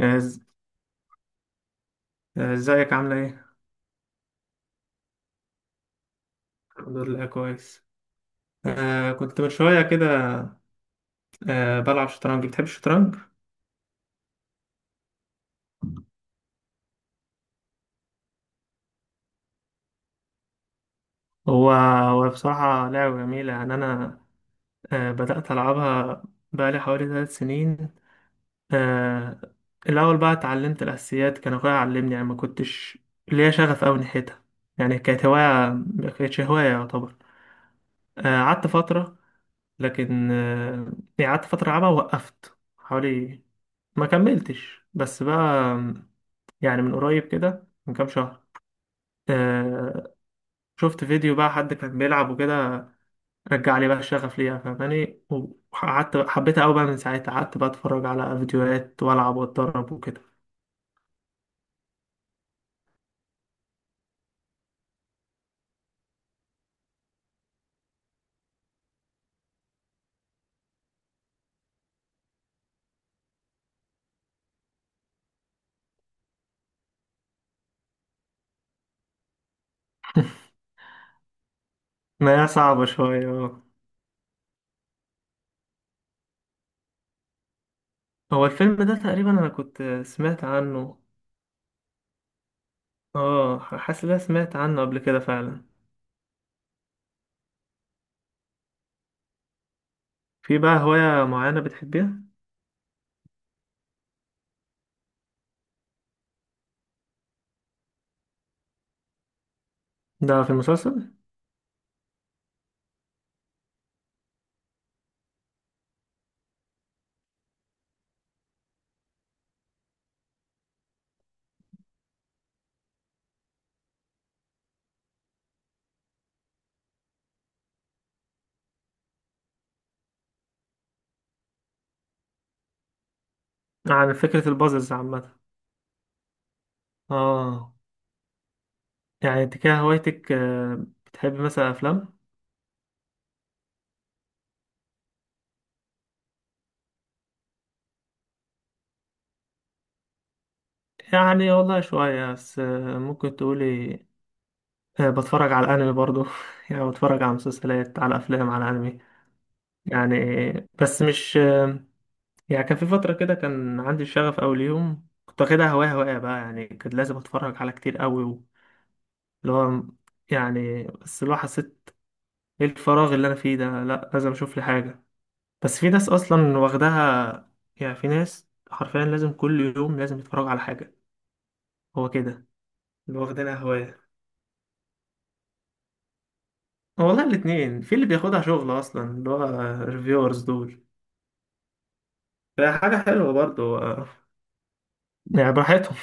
إز- ازيك عاملة ايه؟ الحمد لله كويس. كنت من شوية كده. بلعب شطرنج. بتحب الشطرنج؟ هو هو بصراحة لعبة جميلة، يعني أنا بدأت ألعبها بقالي حوالي 3 سنين. آه الأول بقى اتعلمت الأساسيات، كان أخويا علمني، يعني ما كنتش ليا شغف أوي ناحيتها، يعني كانت هواية، ما كانتش هواية يعتبر. قعدت فترة، لكن يعني قعدت فترة ألعبها ووقفت حوالي، ما كملتش بس بقى. يعني من قريب كده من كام شهر، آه شفت فيديو بقى، حد كان بيلعب وكده، رجع لي بقى الشغف ليها، فاهماني؟ وقعدت حبيتها قوي بقى، من ساعتها قعدت بقى اتفرج على فيديوهات والعب واتدرب وكده. ما هي صعبة شوية، اه. هو الفيلم ده تقريبا انا كنت سمعت عنه، اه، حاسس ان أنا سمعت عنه قبل كده فعلا. في بقى هواية معينة بتحبيها؟ ده في المسلسل؟ عن فكرة البازلز عامة. اه، يعني انت كده هوايتك، بتحبي مثلا افلام؟ يعني والله شوية، بس ممكن تقولي، بتفرج على الأنمي برضو يعني بتفرج على مسلسلات، على أفلام، على أنمي. يعني بس مش يعني كان في فترة كده كان عندي الشغف، أول يوم كنت واخدها هواية هواية بقى، يعني كنت لازم أتفرج على كتير قوي اللي هو، يعني بس اللي هو حسيت إيه الفراغ اللي أنا فيه ده؟ لأ، لازم أشوف لي حاجة. بس في ناس أصلا واخداها، يعني في ناس حرفيا لازم كل يوم لازم يتفرجوا على حاجة. هو كده اللي واخدينها هواية. والله الاتنين، في اللي بياخدها شغل اصلا، اللي هو ريفيورز دول. ده حاجة حلوة برضو، يعني براحتهم.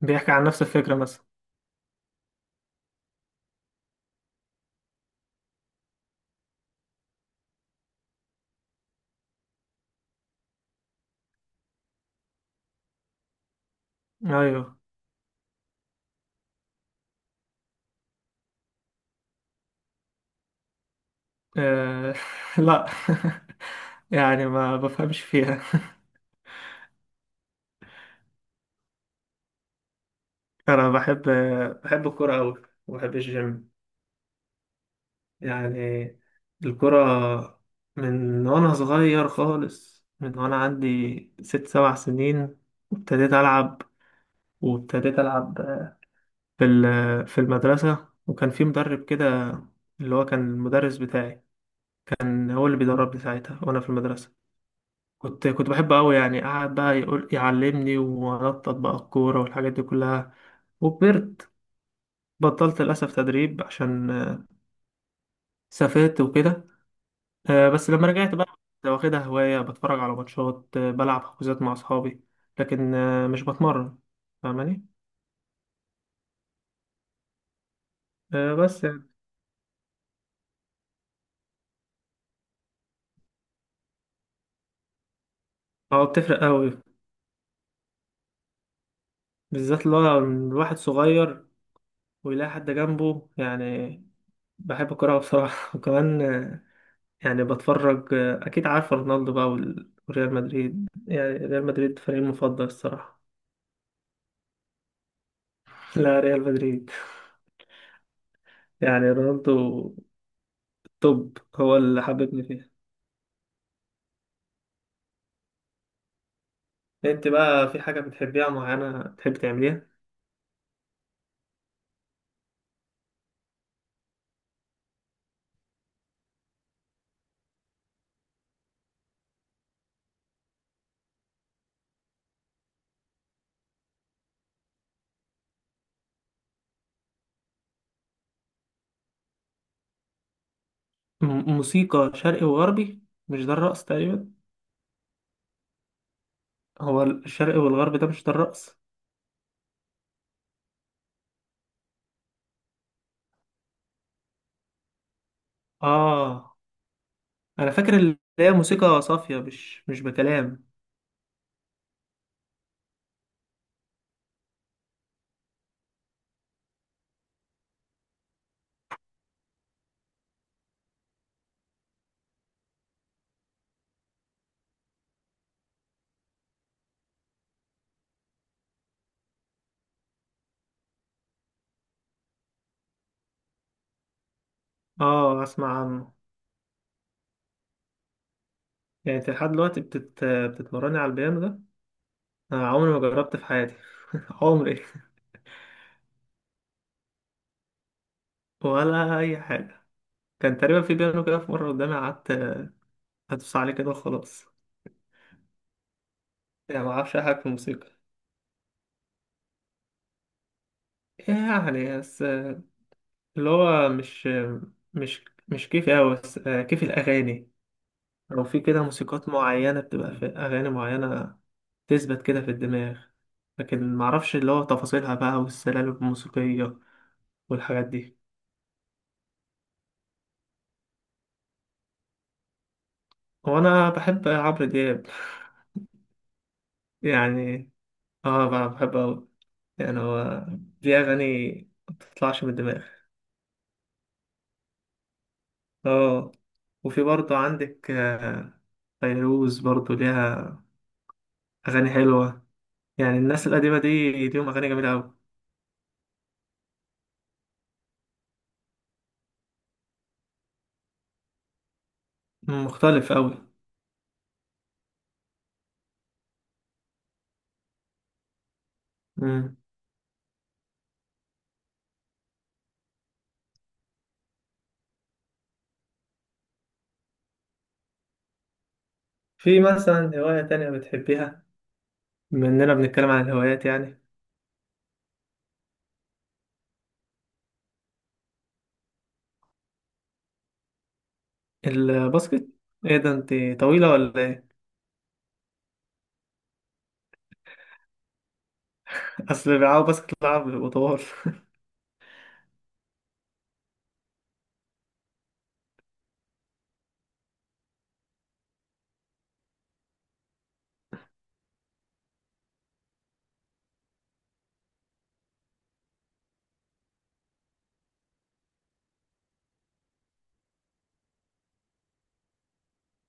بيحكي عن نفس الفكرة مثلا؟ ايوه. آه... لا. يعني ما بفهمش فيها. انا بحب الكرة اوي، وبحب الجيم. يعني الكرة، من وانا صغير خالص، من وانا عندي 6 7 سنين، وابتديت العب وابتديت العب في المدرسة، وكان في مدرب كده، اللي هو كان المدرس بتاعي، كان هو اللي بيدربني ساعتها وأنا في المدرسة. كنت بحبه أوي، يعني قعد بقى يقول يعلمني وأنطط بقى الكورة والحاجات دي كلها. وكبرت، بطلت للأسف تدريب عشان سافرت وكده. بس لما رجعت بقى كنت واخدها هواية، بتفرج على ماتشات، بلعب حجوزات مع أصحابي، لكن مش بتمرن، فاهماني؟ بس يعني هو بتفرق أوي، بالذات اللي هو الواحد صغير ويلاقي حد جنبه، يعني. بحب الكورة بصراحة وكمان يعني بتفرج، أكيد عارف رونالدو بقى وريال مدريد، يعني ريال مدريد فريقي المفضل الصراحة. لا، ريال مدريد. يعني رونالدو توب هو اللي حببني فيها. أنت بقى في حاجة بتحبيها معينة تحب تعمليها؟ موسيقى شرقي وغربي؟ مش ده الرقص تقريبا؟ هو الشرقي والغربي ده، مش ده الرقص؟ آه أنا فاكر اللي هي موسيقى صافية، مش بكلام. أسمع عنه. يعني انت لحد دلوقتي بتتمرني على البيانو ده؟ انا عمري ما جربت في حياتي. عمري ولا اي حاجه. كان تقريبا في بيانو كده في مره قدامي، قعدت هدوس عليه كده وخلاص. يعني ما اعرفش اي حاجه في الموسيقى، يعني بس اللي هو مش كيفي قوي، بس كيف الاغاني، او في كده موسيقات معينه بتبقى في اغاني معينه تثبت كده في الدماغ، لكن معرفش اللي هو تفاصيلها بقى والسلالم الموسيقية والحاجات دي. هو أنا بحب عمرو دياب، يعني اه بقى بحب أوي. يعني هو دي أغاني ما بتطلعش من الدماغ. اه، وفي برضو عندك فيروز برضو ليها أغاني حلوة، يعني الناس القديمة دي ليهم أغاني جميلة أوي. مم، مختلف أوي. مم. في مثلا هواية تانية بتحبيها؟ بما إننا بنتكلم عن الهوايات، يعني. الباسكت؟ ايه ده، انت طويلة ولا ايه؟ أصل اللي بيلعبوا باسكت لعب بيبقوا طوال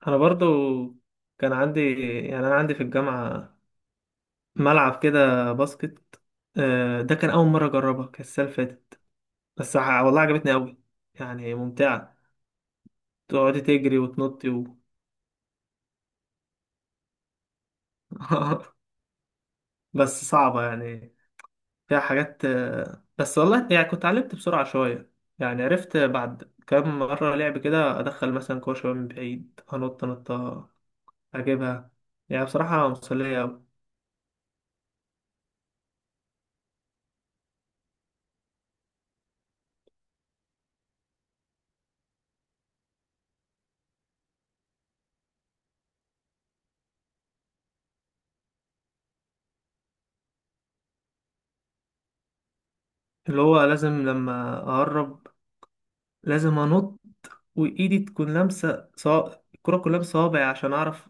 أنا برضو كان عندي، يعني أنا عندي في الجامعة ملعب كده باسكت. ده كان أول مرة أجربها، كانت السنة اللي فاتت. بس والله عجبتني أوي، يعني ممتعة، تقعدي تجري وتنطي و... بس صعبة يعني، فيها حاجات، بس والله يعني كنت اتعلمت بسرعة شوية. يعني عرفت بعد كام مرة لعب كده، أدخل مثلا كورة شوية من بعيد، أنط نطة أجيبها. يعني بصراحة مسلية أوي. اللي هو لازم لما أقرب، لازم أنط، وإيدي تكون لامسة الكرة كلها بصوابعي عشان أعرف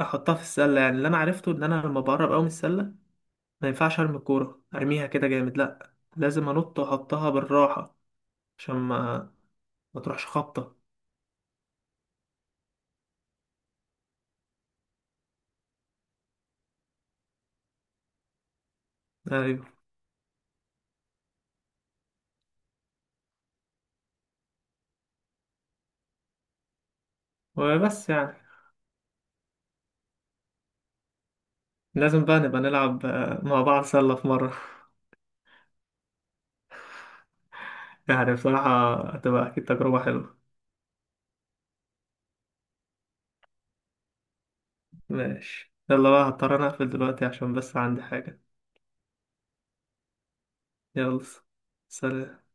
احطها في السله. يعني اللي انا عرفته ان انا لما بقرب قوي من السله، ما ينفعش ارمي الكوره ارميها كده جامد، لا لازم انط واحطها بالراحه، عشان ما تروحش خبطه. ايوه، وبس يعني، لازم بقى نبقى نلعب مع بعض سله في مره يعني بصراحه هتبقى اكيد تجربه حلوه. ماشي، يلا بقى هضطر انا اقفل دلوقتي عشان بس عندي حاجه. يلا. سلام.